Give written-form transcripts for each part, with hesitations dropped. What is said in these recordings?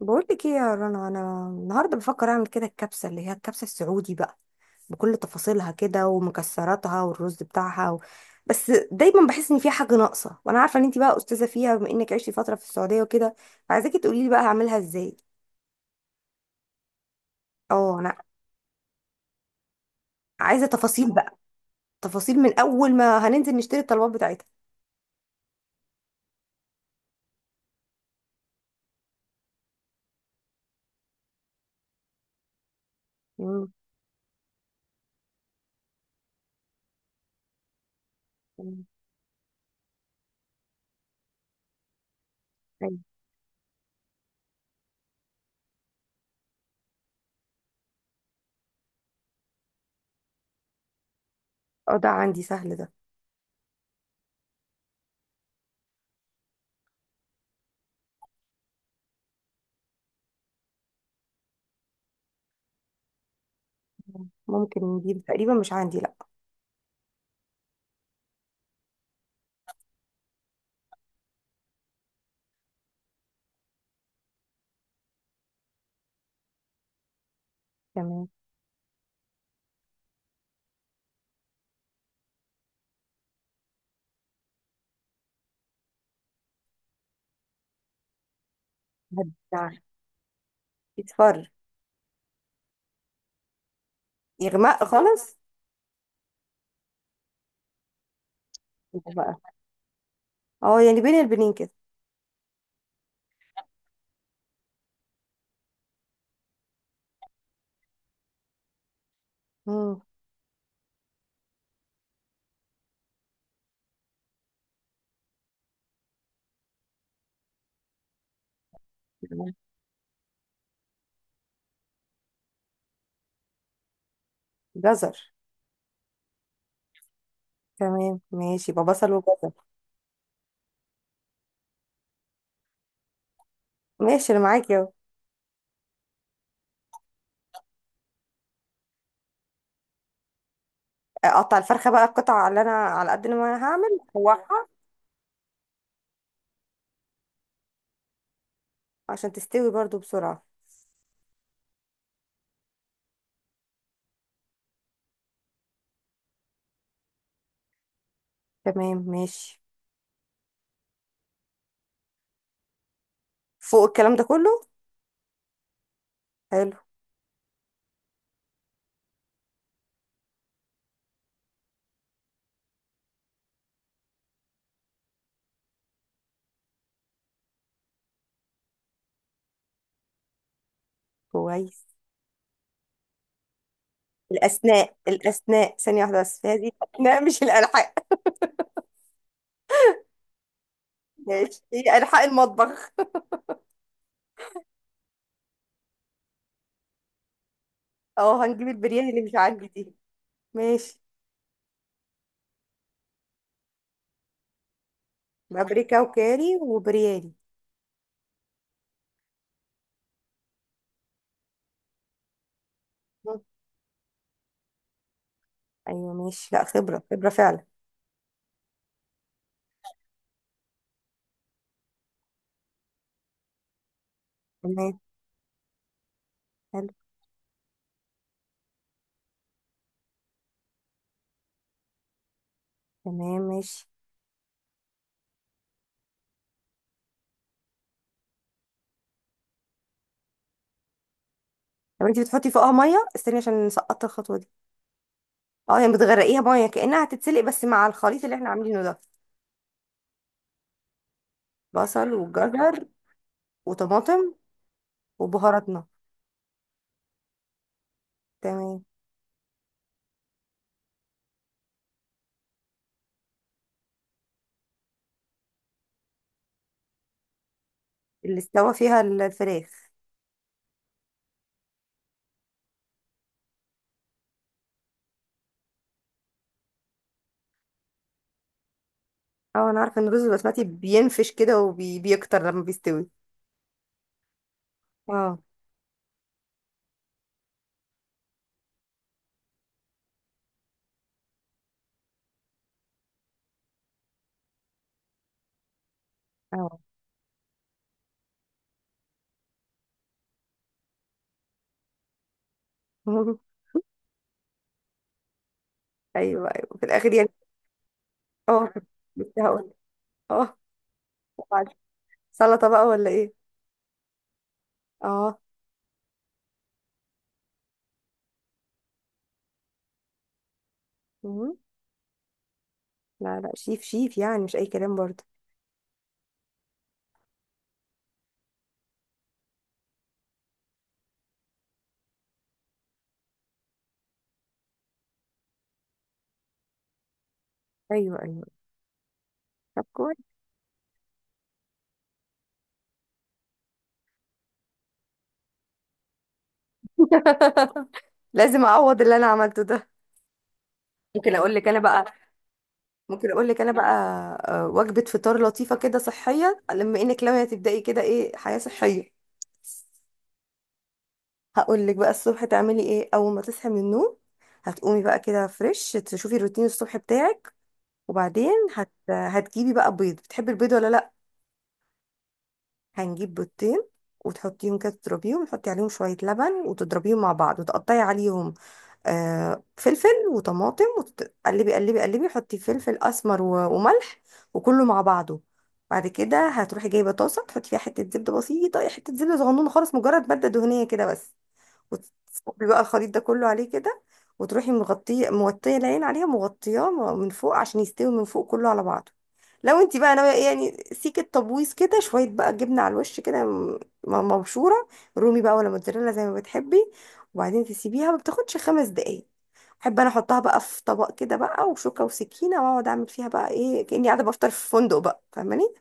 بقول لك ايه يا رنا، انا النهارده بفكر اعمل كده الكبسه، اللي هي الكبسه السعودي بقى، بكل تفاصيلها كده، ومكسراتها، والرز بتاعها بس دايما بحس ان في حاجه ناقصه، وانا عارفه ان انت بقى استاذه فيها بما انك عشتي فتره في السعوديه وكده. فعايزاكي تقولي لي بقى هعملها ازاي. اه انا. عايزه تفاصيل بقى، تفاصيل من اول ما هننزل نشتري الطلبات بتاعتها. مم. أيوة. اه ده عندي، سهل ده. ممكن نجيب تقريبا، مش عندي لا. تمام. هدي. يتفر. يغمق خالص. يبقى بقى. اه يعني بين البنين كده. مم. جزر. تمام ماشي، يبقى بصل وجزر. ماشي انا معاكي اهو. اقطع الفرخه بقى القطع، اللي انا على قد ما انا هعمل اشوحها، عشان تستوي برضو بسرعه. تمام ماشي. فوق الكلام ده كله. حلو. كويس. الاسناء الاسناء، ثانيه واحده بس، هذه الاسناء مش الالحاق. ماشي، هي الحاق المطبخ. اه هنجيب البرياني اللي مش عندي دي. ماشي. بابريكا وكاري وبرياني. مم. ايوه ماشي، لا خبره خبره فعلا. تمام. حلو. تمام ماشي. طب انت بتحطي فوقها ميه؟ استني، عشان سقطت الخطوه دي. اه يعني بتغرقيها ميه، كانها هتتسلق بس مع الخليط اللي احنا عاملينه ده. بصل وجزر. وطماطم. وبهاراتنا. تمام. اللي استوى فيها الفراخ. اه انا عارفه ان الرز البسمتي بينفش كده وبيكتر لما بيستوي. اه. اه. ايوه ايوه، في الاخر يعني. اه كنت، لسه هقول. اه. وبعد- سلطه بقى ولا ايه؟ اه. مم. لا لا، شيف شيف، يعني مش اي كلام برضه. ايوه ايوه. طب كويس. لازم اعوض اللي انا عملته ده. ممكن اقول لك انا بقى. ممكن اقول لك انا بقى. آه، وجبه فطار لطيفه كده صحيه، لما تبداي كده ايه، حياه صحيه. هقول لك بقى الصبح تعملي ايه اول ما تصحي من النوم. هتقومي بقى كده فريش، تشوفي الروتين الصبح بتاعك. وبعدين هتجيبي بقى بيض. بتحبي البيض ولا لا؟ هنجيب بيضتين، وتحطيهم كده تضربيهم، تحطي عليهم شويه لبن وتضربيهم مع بعض، وتقطعي عليهم آه، فلفل وطماطم، وتقلبي قلبي قلبي. حطي فلفل اسمر وملح وكله مع بعضه. بعد كده هتروحي جايبه طاسه، تحطي فيها حته زبده بسيطه، حته زبده صغنونه خالص، مجرد ماده دهنيه كده بس، وتصبي بقى الخليط ده كله عليه كده. وتروحي مغطيه موطيه العين عليها، مغطياه من فوق، عشان يستوي من فوق كله على بعضه. لو انت بقى ناويه ايه يعني، سيكه تبويض كده شويه، بقى جبنه على الوش كده مبشوره. رومي بقى ولا موتزاريلا زي ما بتحبي. وبعدين تسيبيها، ما بتاخدش 5 دقايق. احب انا احطها بقى في طبق كده بقى، وشوكه وسكينه، واقعد اعمل فيها بقى ايه، كاني قاعده بفطر في فندق بقى، فاهماني؟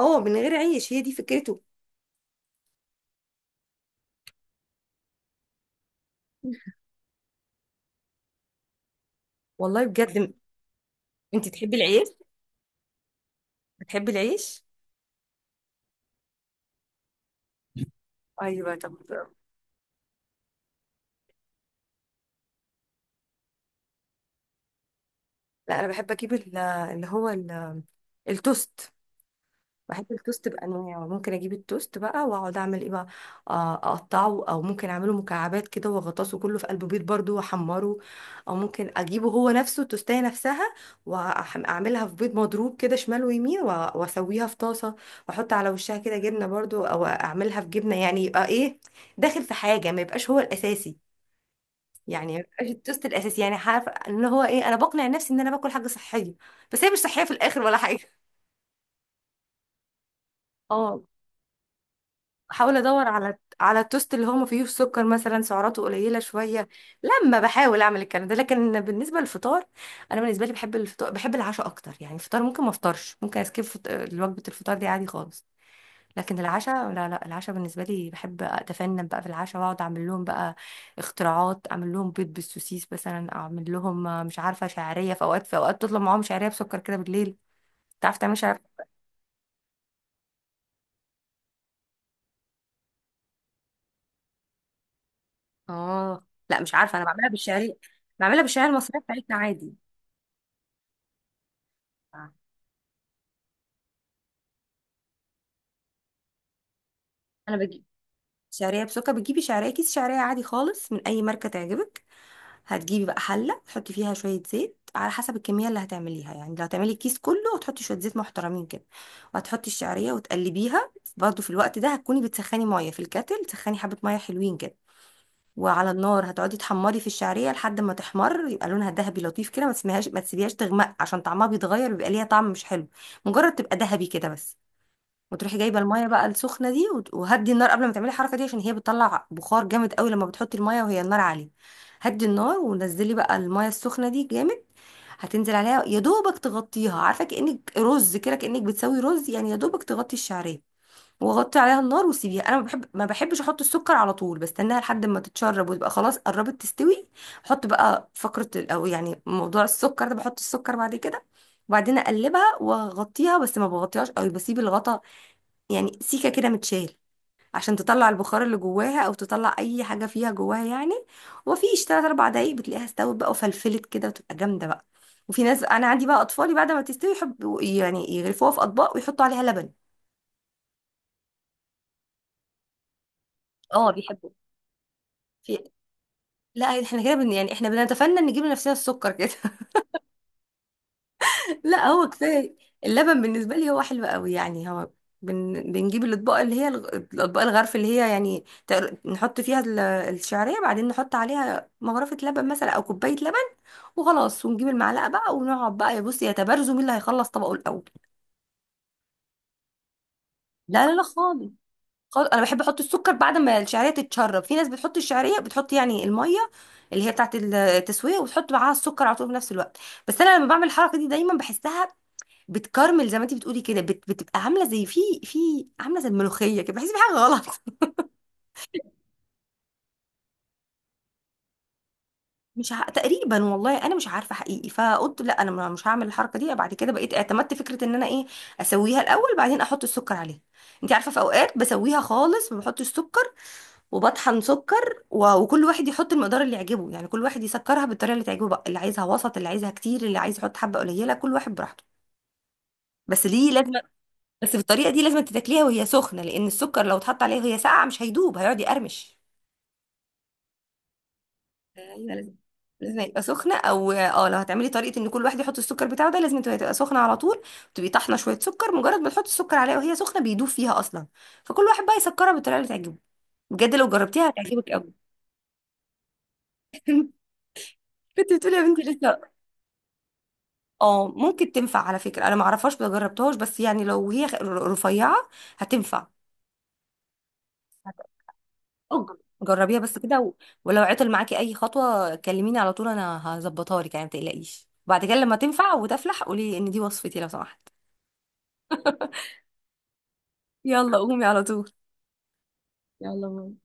اه، من غير عيش، هي دي فكرته. والله بجد. انت تحبي العيش؟ بتحبي العيش؟ ايوه طب. لا انا بحب اجيب التوست. بحب التوست بانواعه، ممكن اجيب التوست بقى واقعد اعمل ايه بقى، آه، اقطعه، او ممكن اعمله مكعبات كده واغطسه كله في قلب بيض برضو واحمره. او ممكن اجيبه هو نفسه التوستايه نفسها، واعملها في بيض مضروب كده شمال ويمين، واسويها في طاسه، واحط على وشها كده جبنه برضو، او اعملها في جبنه، يعني يبقى ايه، داخل في حاجه، ما يبقاش هو الاساسي. يعني مبقاش التوست الاساسي، يعني عارفه ان هو ايه، انا بقنع نفسي ان انا باكل حاجه صحيه، بس هي مش صحيه في الاخر ولا حاجه. اه بحاول ادور على التوست اللي هو ما فيهوش سكر مثلا، سعراته قليله شويه، لما بحاول اعمل الكلام ده. لكن بالنسبه للفطار، انا بالنسبه لي بحب الفطار، بحب العشاء اكتر يعني. الفطار ممكن ما افطرش، ممكن اسكيب وجبه الفطار دي عادي خالص. لكن العشاء لا لا، العشاء بالنسبة لي بحب أتفنن بقى في العشاء، وأقعد أعمل لهم بقى اختراعات، أعمل لهم بيض بالسوسيس مثلا، أعمل لهم آه، مش عارفة، شعرية. في أوقات تطلب معاهم شعرية بسكر كده بالليل. تعرف تعمل شعرية؟ آه. لا مش عارفة، أنا بعملها بالشعرية، بعملها بالشعرية المصرية بتاعتنا عادي. آه. أنا بجيب شعرية بسكر. بتجيبي شعرية، كيس شعرية عادي خالص من أي ماركة تعجبك. هتجيبي بقى حلة تحطي فيها شوية زيت على حسب الكمية اللي هتعمليها، يعني لو هتعملي الكيس كله هتحطي شوية زيت محترمين كده، وهتحطي الشعرية وتقلبيها. برضه في الوقت ده هتكوني بتسخني مية في الكاتل، تسخني حبة مية حلوين كده، وعلى النار هتقعدي تحمري في الشعرية لحد ما تحمر، يبقى لونها ذهبي لطيف كده، ما تسميهاش، ما تسيبيهاش تغمق، عشان طعمها بيتغير، بيبقى ليها طعم مش حلو. مجرد تبقى ذهبي كده بس. وتروحي جايبه الميه بقى السخنه دي، وهدي النار قبل ما تعملي الحركه دي، عشان هي بتطلع بخار جامد قوي لما بتحطي الميه وهي النار عاليه. هدي النار، ونزلي بقى الميه السخنه دي جامد، هتنزل عليها يا دوبك تغطيها، عارفه كانك رز كده، كانك بتسوي رز يعني، يا دوبك تغطي الشعريه. وغطي عليها النار وسيبيها. انا ما بحب، ما بحبش احط السكر على طول، بستناها لحد ما تتشرب، وتبقى خلاص قربت تستوي. احط بقى او يعني موضوع السكر ده، بحط السكر بعد كده. وبعدين اقلبها واغطيها، بس ما بغطيهاش قوي، بسيب الغطا، يعني سيكة كده متشال، عشان تطلع البخار اللي جواها، او تطلع اي حاجة فيها جواها يعني. ومفيش 3 أو 4 دقايق بتلاقيها استوت بقى، وفلفلت كده، وتبقى جامدة بقى. وفي ناس، انا عندي بقى اطفالي، بعد ما تستوي يحبوا يعني يغرفوها في اطباق ويحطوا عليها لبن. اه بيحبوا. في. لا احنا كده يعني احنا بنتفنن نجيب لنفسنا السكر كده. لا هو كفايه. اللبن بالنسبه لي هو حلو قوي يعني. هو بنجيب الاطباق، اللي هي الاطباق الغرف، اللي هي يعني نحط فيها الشعريه، بعدين نحط عليها مغرفه لبن مثلا، او كوبايه لبن، وخلاص. ونجيب المعلقه بقى ونقعد بقى يا بصي، يتبارزوا مين اللي هيخلص طبقه الاول. لا لا لا خالص، خالص. انا بحب احط السكر بعد ما الشعريه تتشرب. في ناس بتحط الشعريه، بتحط يعني الميه، اللي هي بتاعت التسويه، وتحط معاها السكر على طول في نفس الوقت، بس انا لما بعمل الحركه دي دايما بحسها بتكرمل زي ما انت بتقولي كده، بتبقى عامله زي في عامله زي الملوخيه كده، بحس بحاجه غلط. مش ع... تقريبا والله انا مش عارفه حقيقي، فقلت لا انا مش هعمل الحركه دي بعد كده، بقيت اعتمدت فكره ان انا ايه، اسويها الاول بعدين احط السكر عليها. انت عارفه في اوقات بسويها خالص ما بحطش سكر، وبطحن سكر وكل واحد يحط المقدار اللي يعجبه، يعني كل واحد يسكرها بالطريقه اللي تعجبه بقى، اللي عايزها وسط، اللي عايزها كتير، اللي عايز يحط حبه قليله، كل واحد براحته. بس دي لازم. بس بالطريقه دي لازم تتاكليها وهي سخنه، لان السكر لو اتحط عليها وهي ساقعه مش هيدوب، هيقعد يقرمش. ايوه لازم. لازم يبقى سخنه، او اه لو هتعملي طريقه ان كل واحد يحط السكر بتاعه ده، لازم تبقى تبقى سخنه على طول. تبقي طحنه شويه سكر، مجرد ما تحطي السكر عليها وهي سخنه بيدوب فيها اصلا. فكل واحد بقى يسكرها بالطريقه اللي تعجبه. بجد لو جربتيها هتعجبك قوي. كنت بتقولي يا بنتي لسه. اه ممكن تنفع على فكره، انا ما اعرفهاش ما جربتهاش، بس يعني لو هي رفيعه هتنفع. أج- جربيها بس كده ولو عطل معاكي اي خطوه كلميني على طول انا هظبطها لك يعني، ما تقلقيش، وبعد كده لما تنفع وتفلح قولي ان دي وصفتي لو سمحت. يلا قومي على طول. يلا باي.